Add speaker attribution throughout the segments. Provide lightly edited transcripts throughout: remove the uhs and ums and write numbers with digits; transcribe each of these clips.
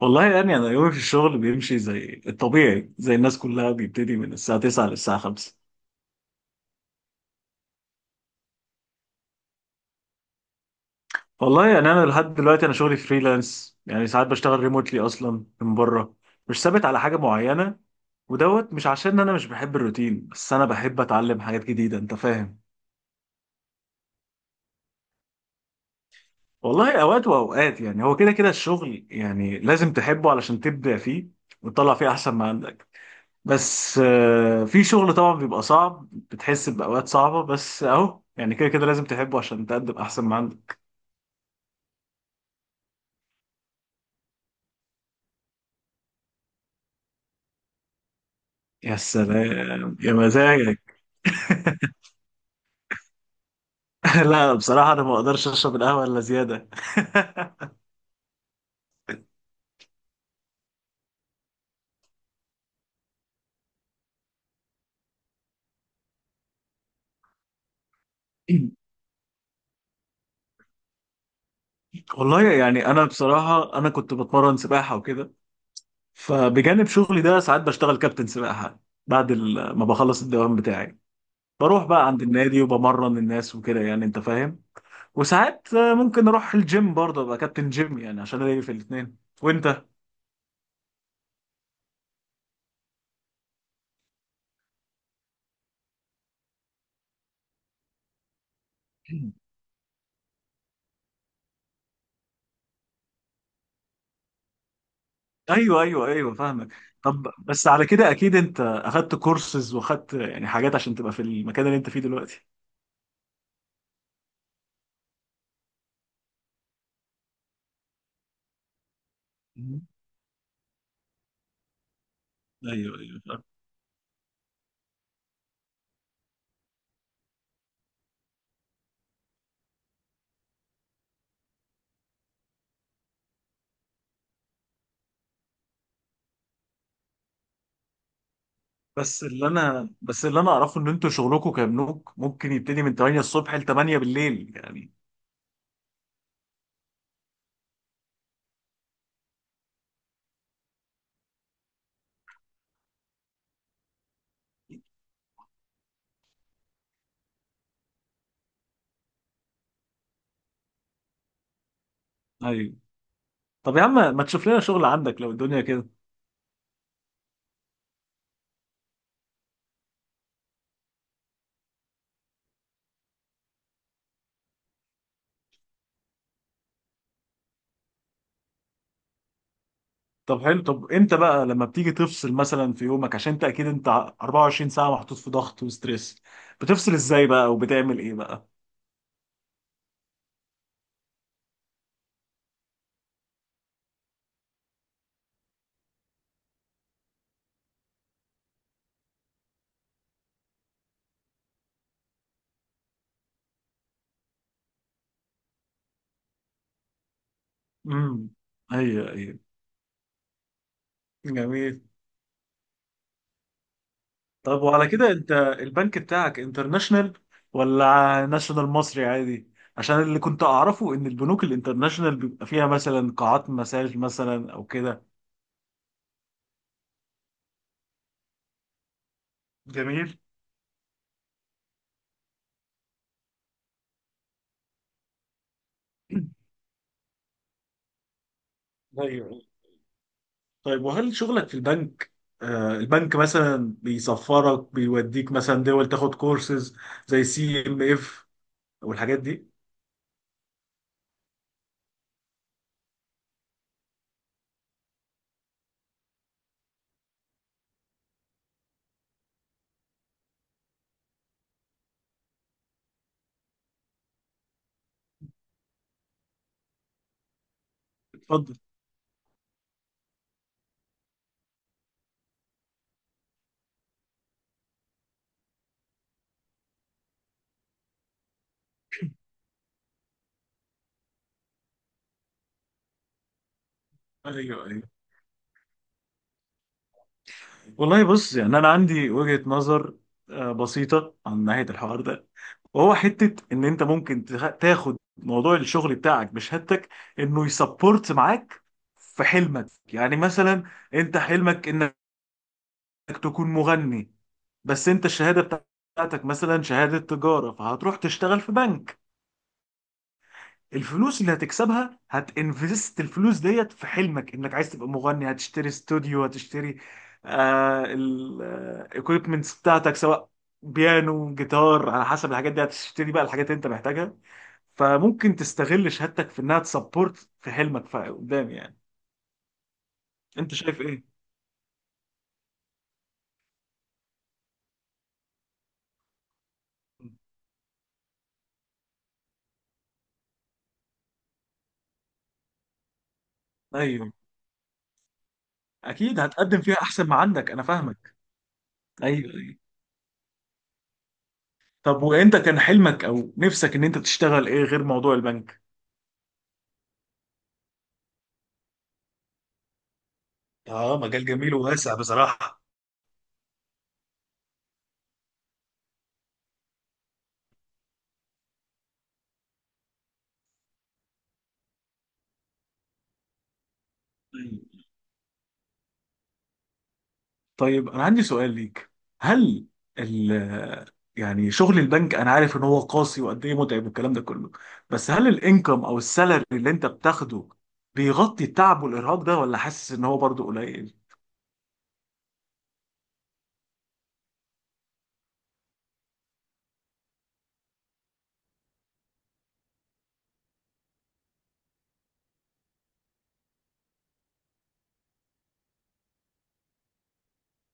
Speaker 1: والله يعني انا يومي في الشغل بيمشي زي الطبيعي زي الناس كلها، بيبتدي من الساعه 9 للساعه 5. والله يعني انا لحد دلوقتي شغلي فريلانس، يعني ساعات بشتغل ريموتلي اصلا من بره. مش ثابت على حاجه معينه. ودوت مش عشان انا مش بحب الروتين، بس انا بحب اتعلم حاجات جديده، انت فاهم. والله اوقات واوقات، يعني هو كده كده الشغل يعني لازم تحبه علشان تبدع فيه وتطلع فيه احسن ما عندك. بس في شغل طبعا بيبقى صعب، بتحس بأوقات صعبة، بس اهو يعني كده كده لازم تحبه عشان تقدم احسن ما عندك. يا سلام يا مزاجك. لا بصراحة انا ما اقدرش اشرب القهوة الا زيادة. والله يعني انا بصراحة انا كنت بتمرن سباحة وكده، فبجانب شغلي ده ساعات بشتغل كابتن سباحة بعد ما بخلص الدوام بتاعي. بروح بقى عند النادي وبمرن الناس وكده يعني، انت فاهم. وساعات ممكن اروح الجيم برضه ابقى كابتن جيم، يعني عشان الاقي في الاثنين. وانت ايوه ايوه ايوه فاهمك، طب بس على كده اكيد انت اخدت كورسز، واخدت يعني حاجات عشان تبقى في المكان اللي انت فيه دلوقتي. مم. ايوه ايوه فاهم. بس اللي انا اعرفه ان انتوا شغلكم كبنوك ممكن يبتدي من 8 الصبح ل 8 بالليل يعني. ايوه. طب يا عم ما تشوف لنا شغل عندك لو الدنيا كده. طب حلو، طب امتى بقى لما بتيجي تفصل مثلا في يومك؟ عشان انت اكيد انت 24 ساعة محطوط في ضغط وستريس. بتفصل ازاي بقى وبتعمل ايه بقى؟ امم. ايوه ايوه. جميل. طب وعلى كده انت البنك بتاعك انترناشونال ولا ناشونال مصري عادي؟ عشان اللي كنت اعرفه ان البنوك الانترناشونال بيبقى فيها مثلا قاعات مساج مثلا او كده. جميل. ايوه. طيب وهل شغلك في البنك، البنك مثلا بيسفرك بيوديك مثلا دول تاخد كورسز زي سي ام اف والحاجات دي؟ اتفضل. ايوه ايوه. والله بص، يعني انا عندي وجهة نظر بسيطة عن ناحية الحوار ده، وهو حتة ان انت ممكن تاخد موضوع الشغل بتاعك بشهادتك انه يسبورت معاك في حلمك. يعني مثلا انت حلمك انك تكون مغني، بس انت الشهاده بتاعتك مثلا شهاده تجاره، فهتروح تشتغل في بنك. الفلوس اللي هتكسبها هتنفست الفلوس ديت في حلمك انك عايز تبقى مغني. هتشتري استوديو، هتشتري آه الايكويبمنتس بتاعتك، سواء بيانو، جيتار، على حسب. الحاجات دي هتشتري بقى الحاجات اللي انت محتاجها. فممكن تستغل شهادتك في انها تسبورت في حلمك قدام يعني. انت شايف ايه؟ ايوه اكيد هتقدم فيها احسن ما عندك، انا فاهمك. ايوه. طب وانت كان حلمك او نفسك ان انت تشتغل ايه غير موضوع البنك؟ اه مجال جميل وواسع بصراحة. طيب. طيب، انا عندي سؤال ليك. هل ال يعني شغل البنك انا عارف ان هو قاسي وقد ايه متعب والكلام ده كله، بس هل الانكم او السالري اللي انت بتاخده بيغطي التعب والارهاق ده، ولا حاسس ان هو برضه قليل؟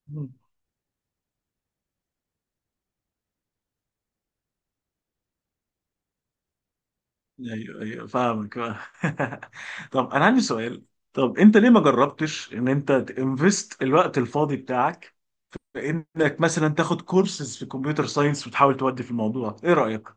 Speaker 1: مم. ايوه ايوه فاهمك فاهم. طب انا عندي سؤال. طب انت ليه ما جربتش ان انت تنفست الوقت الفاضي بتاعك انك مثلا تاخد كورسز في كمبيوتر ساينس وتحاول تودي في الموضوع؟ ايه رأيك؟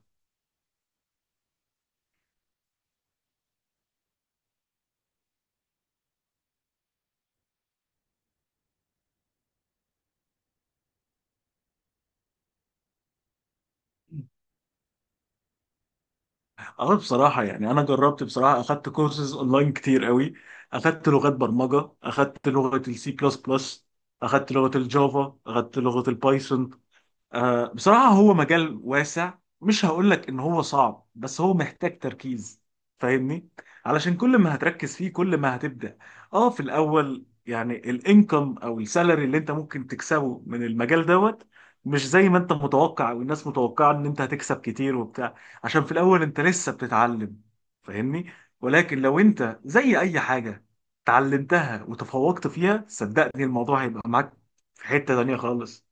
Speaker 1: اه بصراحة يعني أنا جربت، بصراحة أخدت كورسز أونلاين كتير قوي. أخدت لغات برمجة، أخدت لغة السي بلس بلس، أخدت لغة الجافا، أخدت لغة البايثون. بصراحة هو مجال واسع. مش هقولك ان هو صعب، بس هو محتاج تركيز، فاهمني؟ علشان كل ما هتركز فيه كل ما هتبدأ. اه في الاول يعني الانكم او السالري اللي انت ممكن تكسبه من المجال دوت مش زي ما انت متوقع او الناس متوقعة ان انت هتكسب كتير وبتاع، عشان في الاول انت لسه بتتعلم، فاهمني؟ ولكن لو انت زي اي حاجة اتعلمتها وتفوقت فيها، صدقني الموضوع هيبقى معاك في حتة تانية خالص.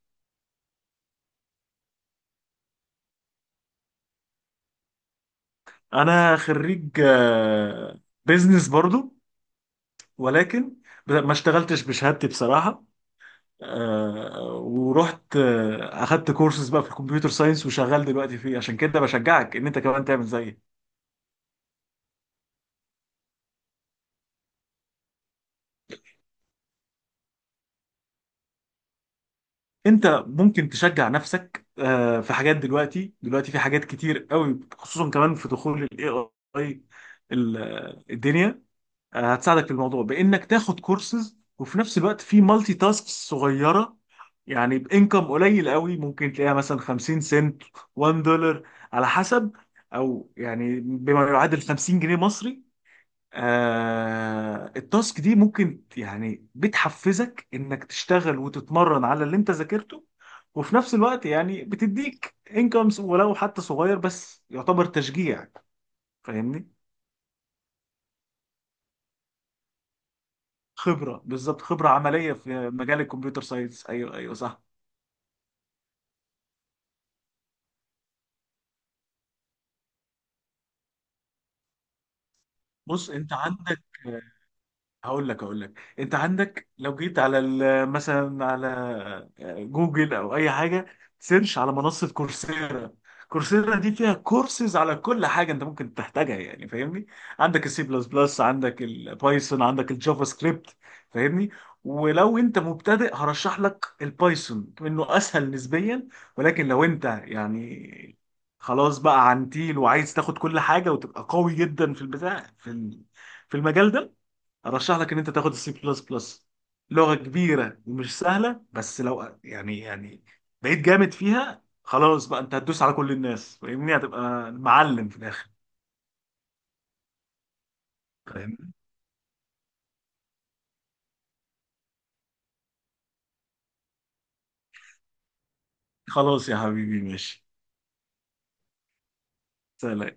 Speaker 1: انا خريج بيزنس برضو، ولكن ما اشتغلتش بشهادتي بصراحة. ورحت اخدت كورسز بقى في الكمبيوتر ساينس وشغال دلوقتي فيه، عشان كده بشجعك ان انت كمان تعمل زيي. انت ممكن تشجع نفسك في حاجات دلوقتي. دلوقتي في حاجات كتير قوي، خصوصا كمان في دخول الاي اي الدنيا. هتساعدك في الموضوع بانك تاخد كورسز، وفي نفس الوقت في مالتي تاسكس صغيره، يعني بانكم قليل قوي. ممكن تلاقيها مثلا 50 سنت، 1 دولار، على حسب. او يعني بما يعادل 50 جنيه مصري. آه التاسك دي ممكن يعني بتحفزك انك تشتغل وتتمرن على اللي انت ذاكرته، وفي نفس الوقت يعني بتديك انكمز ولو حتى صغير، بس يعتبر تشجيع، فاهمني؟ خبرة بالظبط، خبرة عملية في مجال الكمبيوتر ساينس، أيوه أيوه صح. بص أنت عندك، هقول لك. انت عندك لو جيت على مثلا على جوجل او اي حاجه، سيرش على منصه كورسيرا. كورسيرا دي فيها كورسز على كل حاجه انت ممكن تحتاجها يعني، فاهمني؟ عندك السي بلس بلس، عندك البايثون، عندك الجافا سكريبت، فاهمني؟ ولو انت مبتدئ هرشح لك البايثون، انه اسهل نسبيا. ولكن لو انت يعني خلاص بقى عنتيل وعايز تاخد كل حاجه وتبقى قوي جدا في البتاع في المجال ده، ارشح لك ان انت تاخد السي بلس بلس. لغه كبيره ومش سهله، بس لو يعني يعني بقيت جامد فيها، خلاص بقى انت هتدوس على كل الناس، فاهمني؟ هتبقى معلم في الاخر. فاهم. خلاص يا حبيبي، ماشي. سلام.